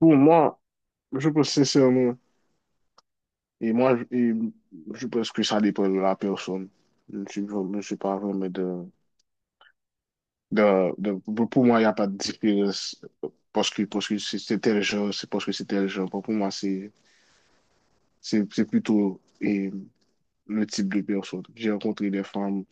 Pour moi, je pense sincèrement, et moi, je pense que ça dépend de la personne. Je suis pas vraiment Pour moi, il n'y a pas de différence parce que c'est tel genre, c'est parce que c'est tel genre. Pour moi, c'est plutôt le type de personne. J'ai rencontré des femmes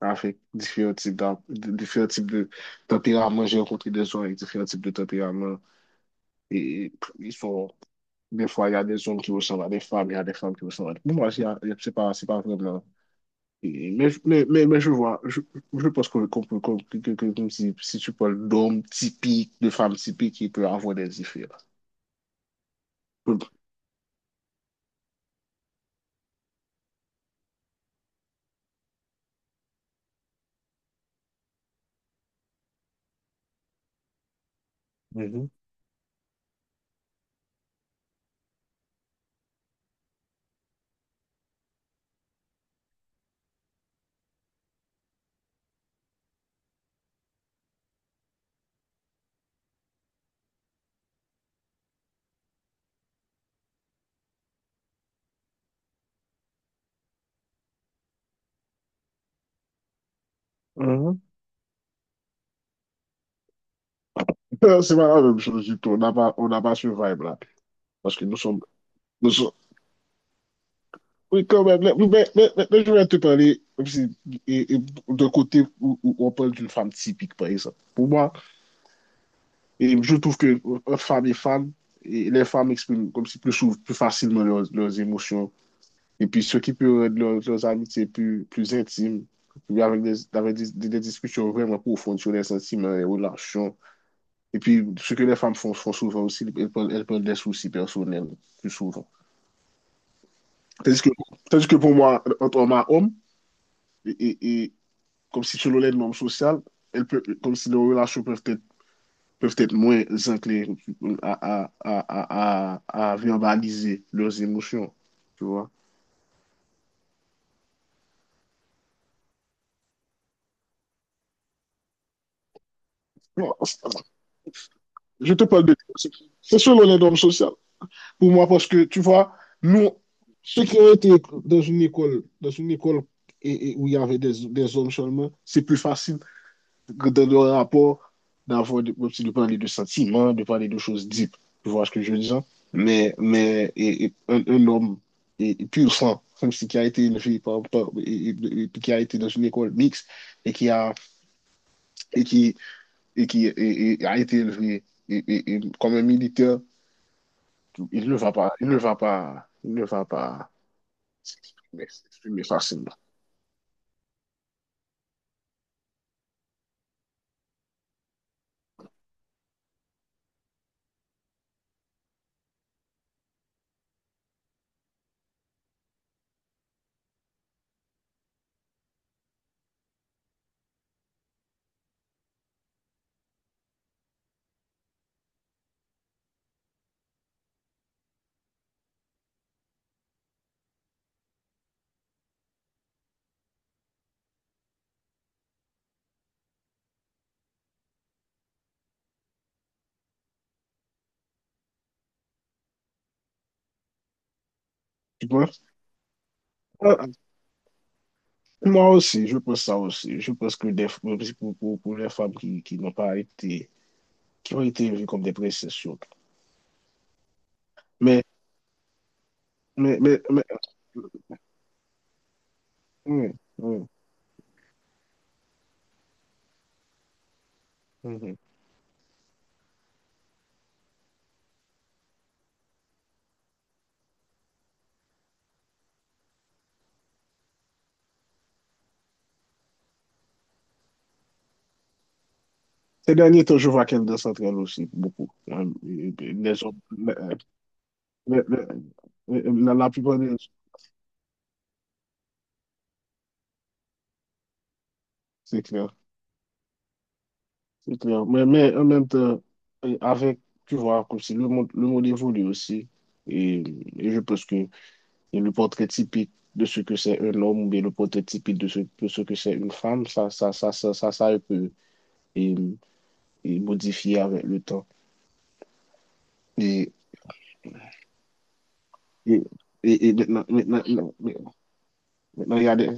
avec différents types de tempérament. J'ai rencontré des gens avec différents types de tempérament. Et, ils sont Des fois, il y a des hommes qui ressemblent à des femmes, il y a des femmes qui ressemblent à des. Pour moi, c'est pas vraiment. Mais je vois, je pense que, qu'on peut- qu'on- que- comme si, tu parles d'hommes typiques, de femmes typiques, il peut avoir des différences. Mhm, mhm. C'est pas la même chose du tout. On n'a pas ce vibe-là. Parce que nous sommes, oui, quand même. Mais je vais te parler comme si, et, et, d'un côté où on parle d'une femme typique, par exemple. Pour moi. Et je trouve que entre femmes et femmes, et les femmes expriment comme si plus facilement leurs émotions. Et puis, ce qui peut rendre leurs amitiés plus intimes, puis avec des discussions vraiment profondes sur les sentiments, les relations. Et puis, ce que les femmes font souvent aussi, elles prennent des soucis personnels plus souvent. Tandis que, tandis que pour moi, entre homme à homme, et comme si selon les normes sociales, comme si nos relations peuvent être moins enclins à verbaliser leurs émotions. Tu vois? Bon, je te parle de. C'est selon les normes sociales. Pour moi, parce que tu vois, nous, ceux qui ont été dans une école et où il y avait des hommes seulement, c'est plus facile dans le rapport, de parler de sentiments, de parler de choses deep. Tu vois ce que je veux dire? Mais homme pur sang, comme si qui a été élevé et qui a été dans une école mixte et qui a, et qui, et a été élevé comme un militaire, il ne va pas s'exprimer facilement. Tu penses? Ah, moi aussi, je pense ça aussi. Je pense pour les femmes qui n'ont pas été qui ont été vus comme des précessions. Mais, mais oui, oui, mhm. Ces derniers temps, je vois qu'elle danse entre elles aussi, beaucoup. Les autres, les- la plupart des. C'est clair, c'est clair. Mais en même temps, euh, avec, tu vois, comme si le monde évolue aussi. Et, et je pense que le portrait typique de ce que c'est un homme ou bien le portrait typique de ce que c'est une femme, ça peut et, modifier avec le temps. Et et et maintenant, il y a des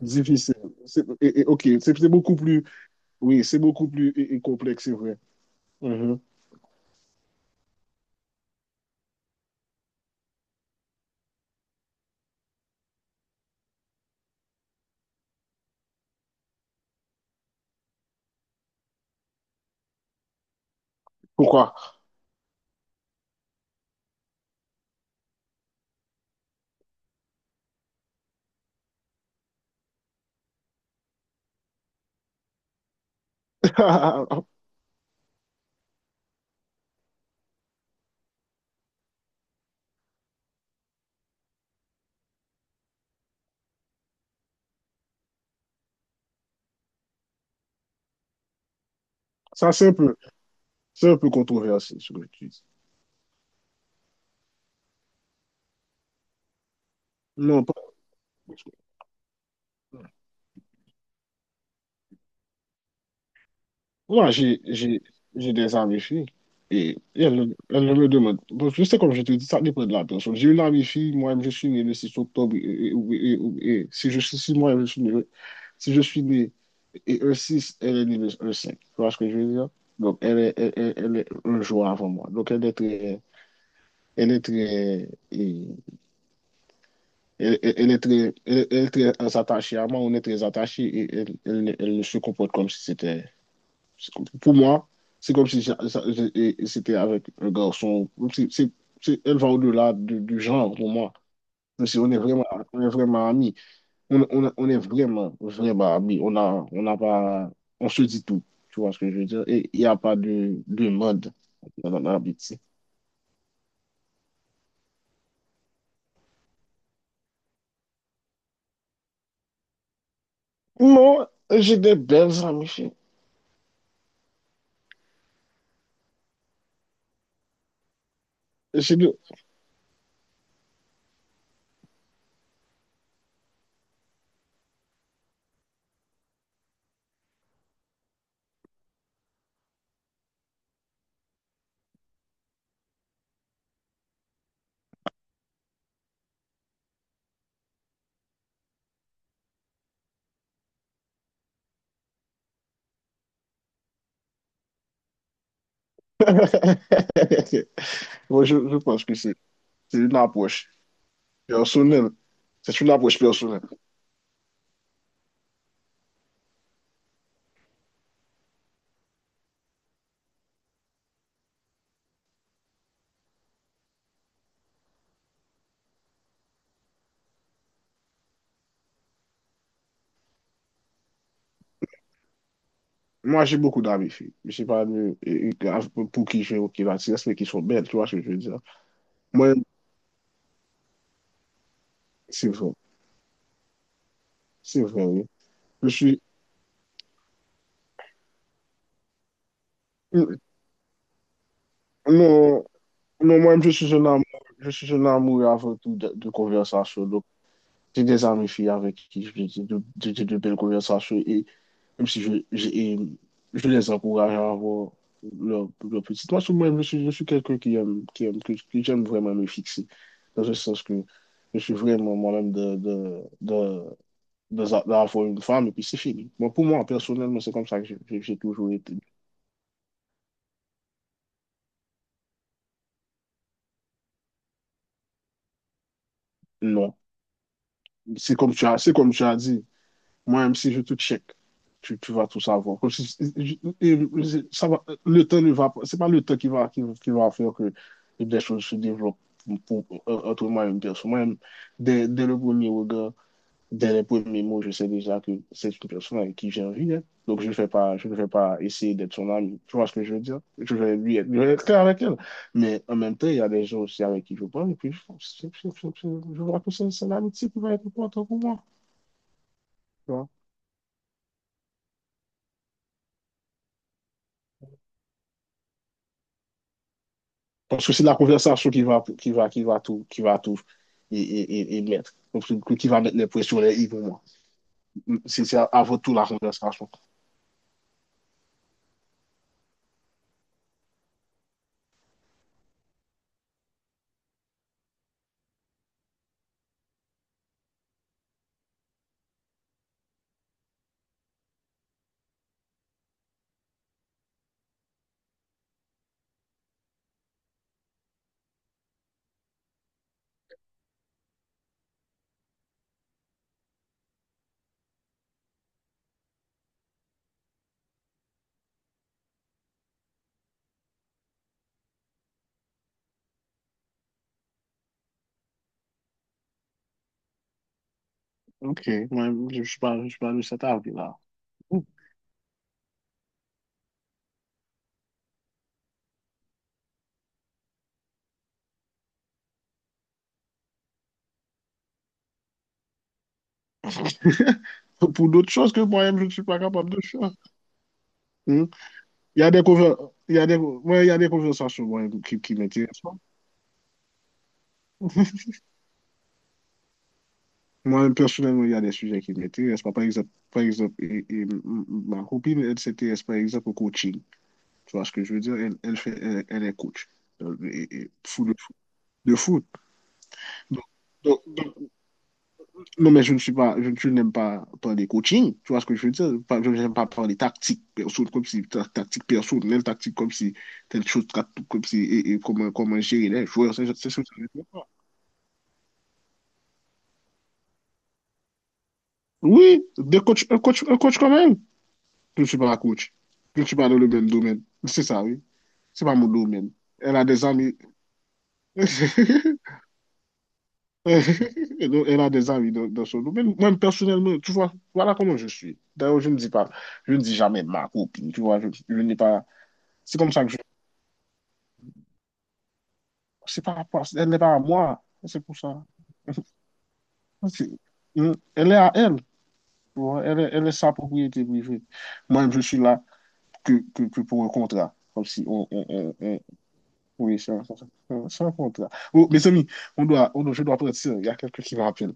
difficiles. Ok, c'est beaucoup plus, oui, c'est beaucoup plus complexe, c'est vrai. Mhm. Pourquoi? Ça, c'est un peu controversé, ce que tu dis. Non, moi, j'ai des amis filles et elles ne me demandent, bon, je sais comme je te dis, ça dépend de la personne. J'ai une amie fille, moi, je suis né le 6 octobre, et si moi, je suis né, si je suis né. Et e six elle est niveuse e cinq. Tu vois ce que je veux dire? Donc, elle est un joueur avant moi. Donc, elle est très, et- elle est très attachée à moi. On est très attachés et elle se comporte comme si c'était, pour moi, c'est comme si c'était avec un garçon. Elle va au-delà du genre pour moi. Même si on est vraiment amis. On est vraiment, vraiment amis. On a, on n'a pas, on se dit tout. Tu vois ce que je veux dire? Et il n'y a pas de mode dans notre amitié. Moi, j'ai des belles amies. Chérie. J'ai de. Moi, je pense que c'est une approche personnelle. C'est une approche personnelle. Moi, j'ai beaucoup d'amis filles. Je sais pas pour qui j'ai aucune attirance, mais qui sont belles. Tu vois ce que je veux dire? Moi, c'est vrai. C'est vrai, oui. Je suis. Non. Non, moi-même, je suis un amour avant tout de conversation. Donc, j'ai des amis filles avec qui j'ai de belles conversations. Et même si je les encourage à avoir leur petite. Moi, moi-même, je suis quelqu'un qui aime, que j'aime vraiment me fixer. Dans le sens que je suis vraiment moi-même d'avoir une femme et puis c'est fini. Moi, pour moi, personnellement, c'est comme ça que j'ai toujours été. Non. C'est comme tu as dit. Moi, même si je te check, tu vas tout savoir. Comme si- je- Ça va, le temps ne va pas. C'est pas le temps qui va faire que des choses se développent entre moi et une personne. Moi-même, dès le premier regard, dès les premiers mots, je sais déjà que c'est une personne avec qui j'ai envie d'être. Donc, je ne vais pas essayer d'être son ami. Tu vois ce que je veux dire? Je vais être clair avec elle. Mais en même temps, il y a des gens aussi avec qui je parle. Et puis, je vois que c'est l'amitié qui va être importante pour moi. Parce que c'est la conversation qui va tout mettre. Donc, qui va mettre les pressions les i pour moi. C'est avant tout la conversation. Ok, moi, je suis pas de cet avis-là. Pour d'autres choses que moi-même, je ne suis pas capable de faire. Hmm. Il y a des, conver- il y a des, ouais, il y a des conversations moi, qui m'intéressent pas. Moi, personnellement, il y a des sujets qui m'intéressent pas. Par exemple et m- m- ma copine, elle s'intéresse par exemple au coaching. Tu vois ce que je veux dire? Elle est coach. Euh, Et, et, full- de foot. Donc, donc, non, mais je ne suis pas, je n'aime pas parler coaching, tu vois ce que je veux dire? Je n'aime pas parler tactique, perso, comme si, tactique personnelle, tactique comme si, telle chose, comme si, comment gérer les joueurs, c'est ce que je veux dire. Oui, des coachs, un coach quand même. Je ne suis pas un coach. Je ne suis pas dans le même domaine. C'est ça, oui. C'est pas mon domaine. Elle a des amis. Et donc, elle a des amis dans son domaine. Moi, personnellement, tu vois, voilà comment je suis. D'ailleurs, je ne dis jamais ma copine, tu vois, je n'ai pas. C'est comme ça que je. C'est par rapport, elle n'est pas à moi, c'est pour ça. C'est- Elle est à elle, tu vois, elle est sa propriété privée. Moi, je suis là que pour un contrat, comme si on. Oui, c'est un contrat. Oh, mes amis, je dois partir, il y a quelqu'un qui m'appelle.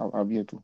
À bientôt.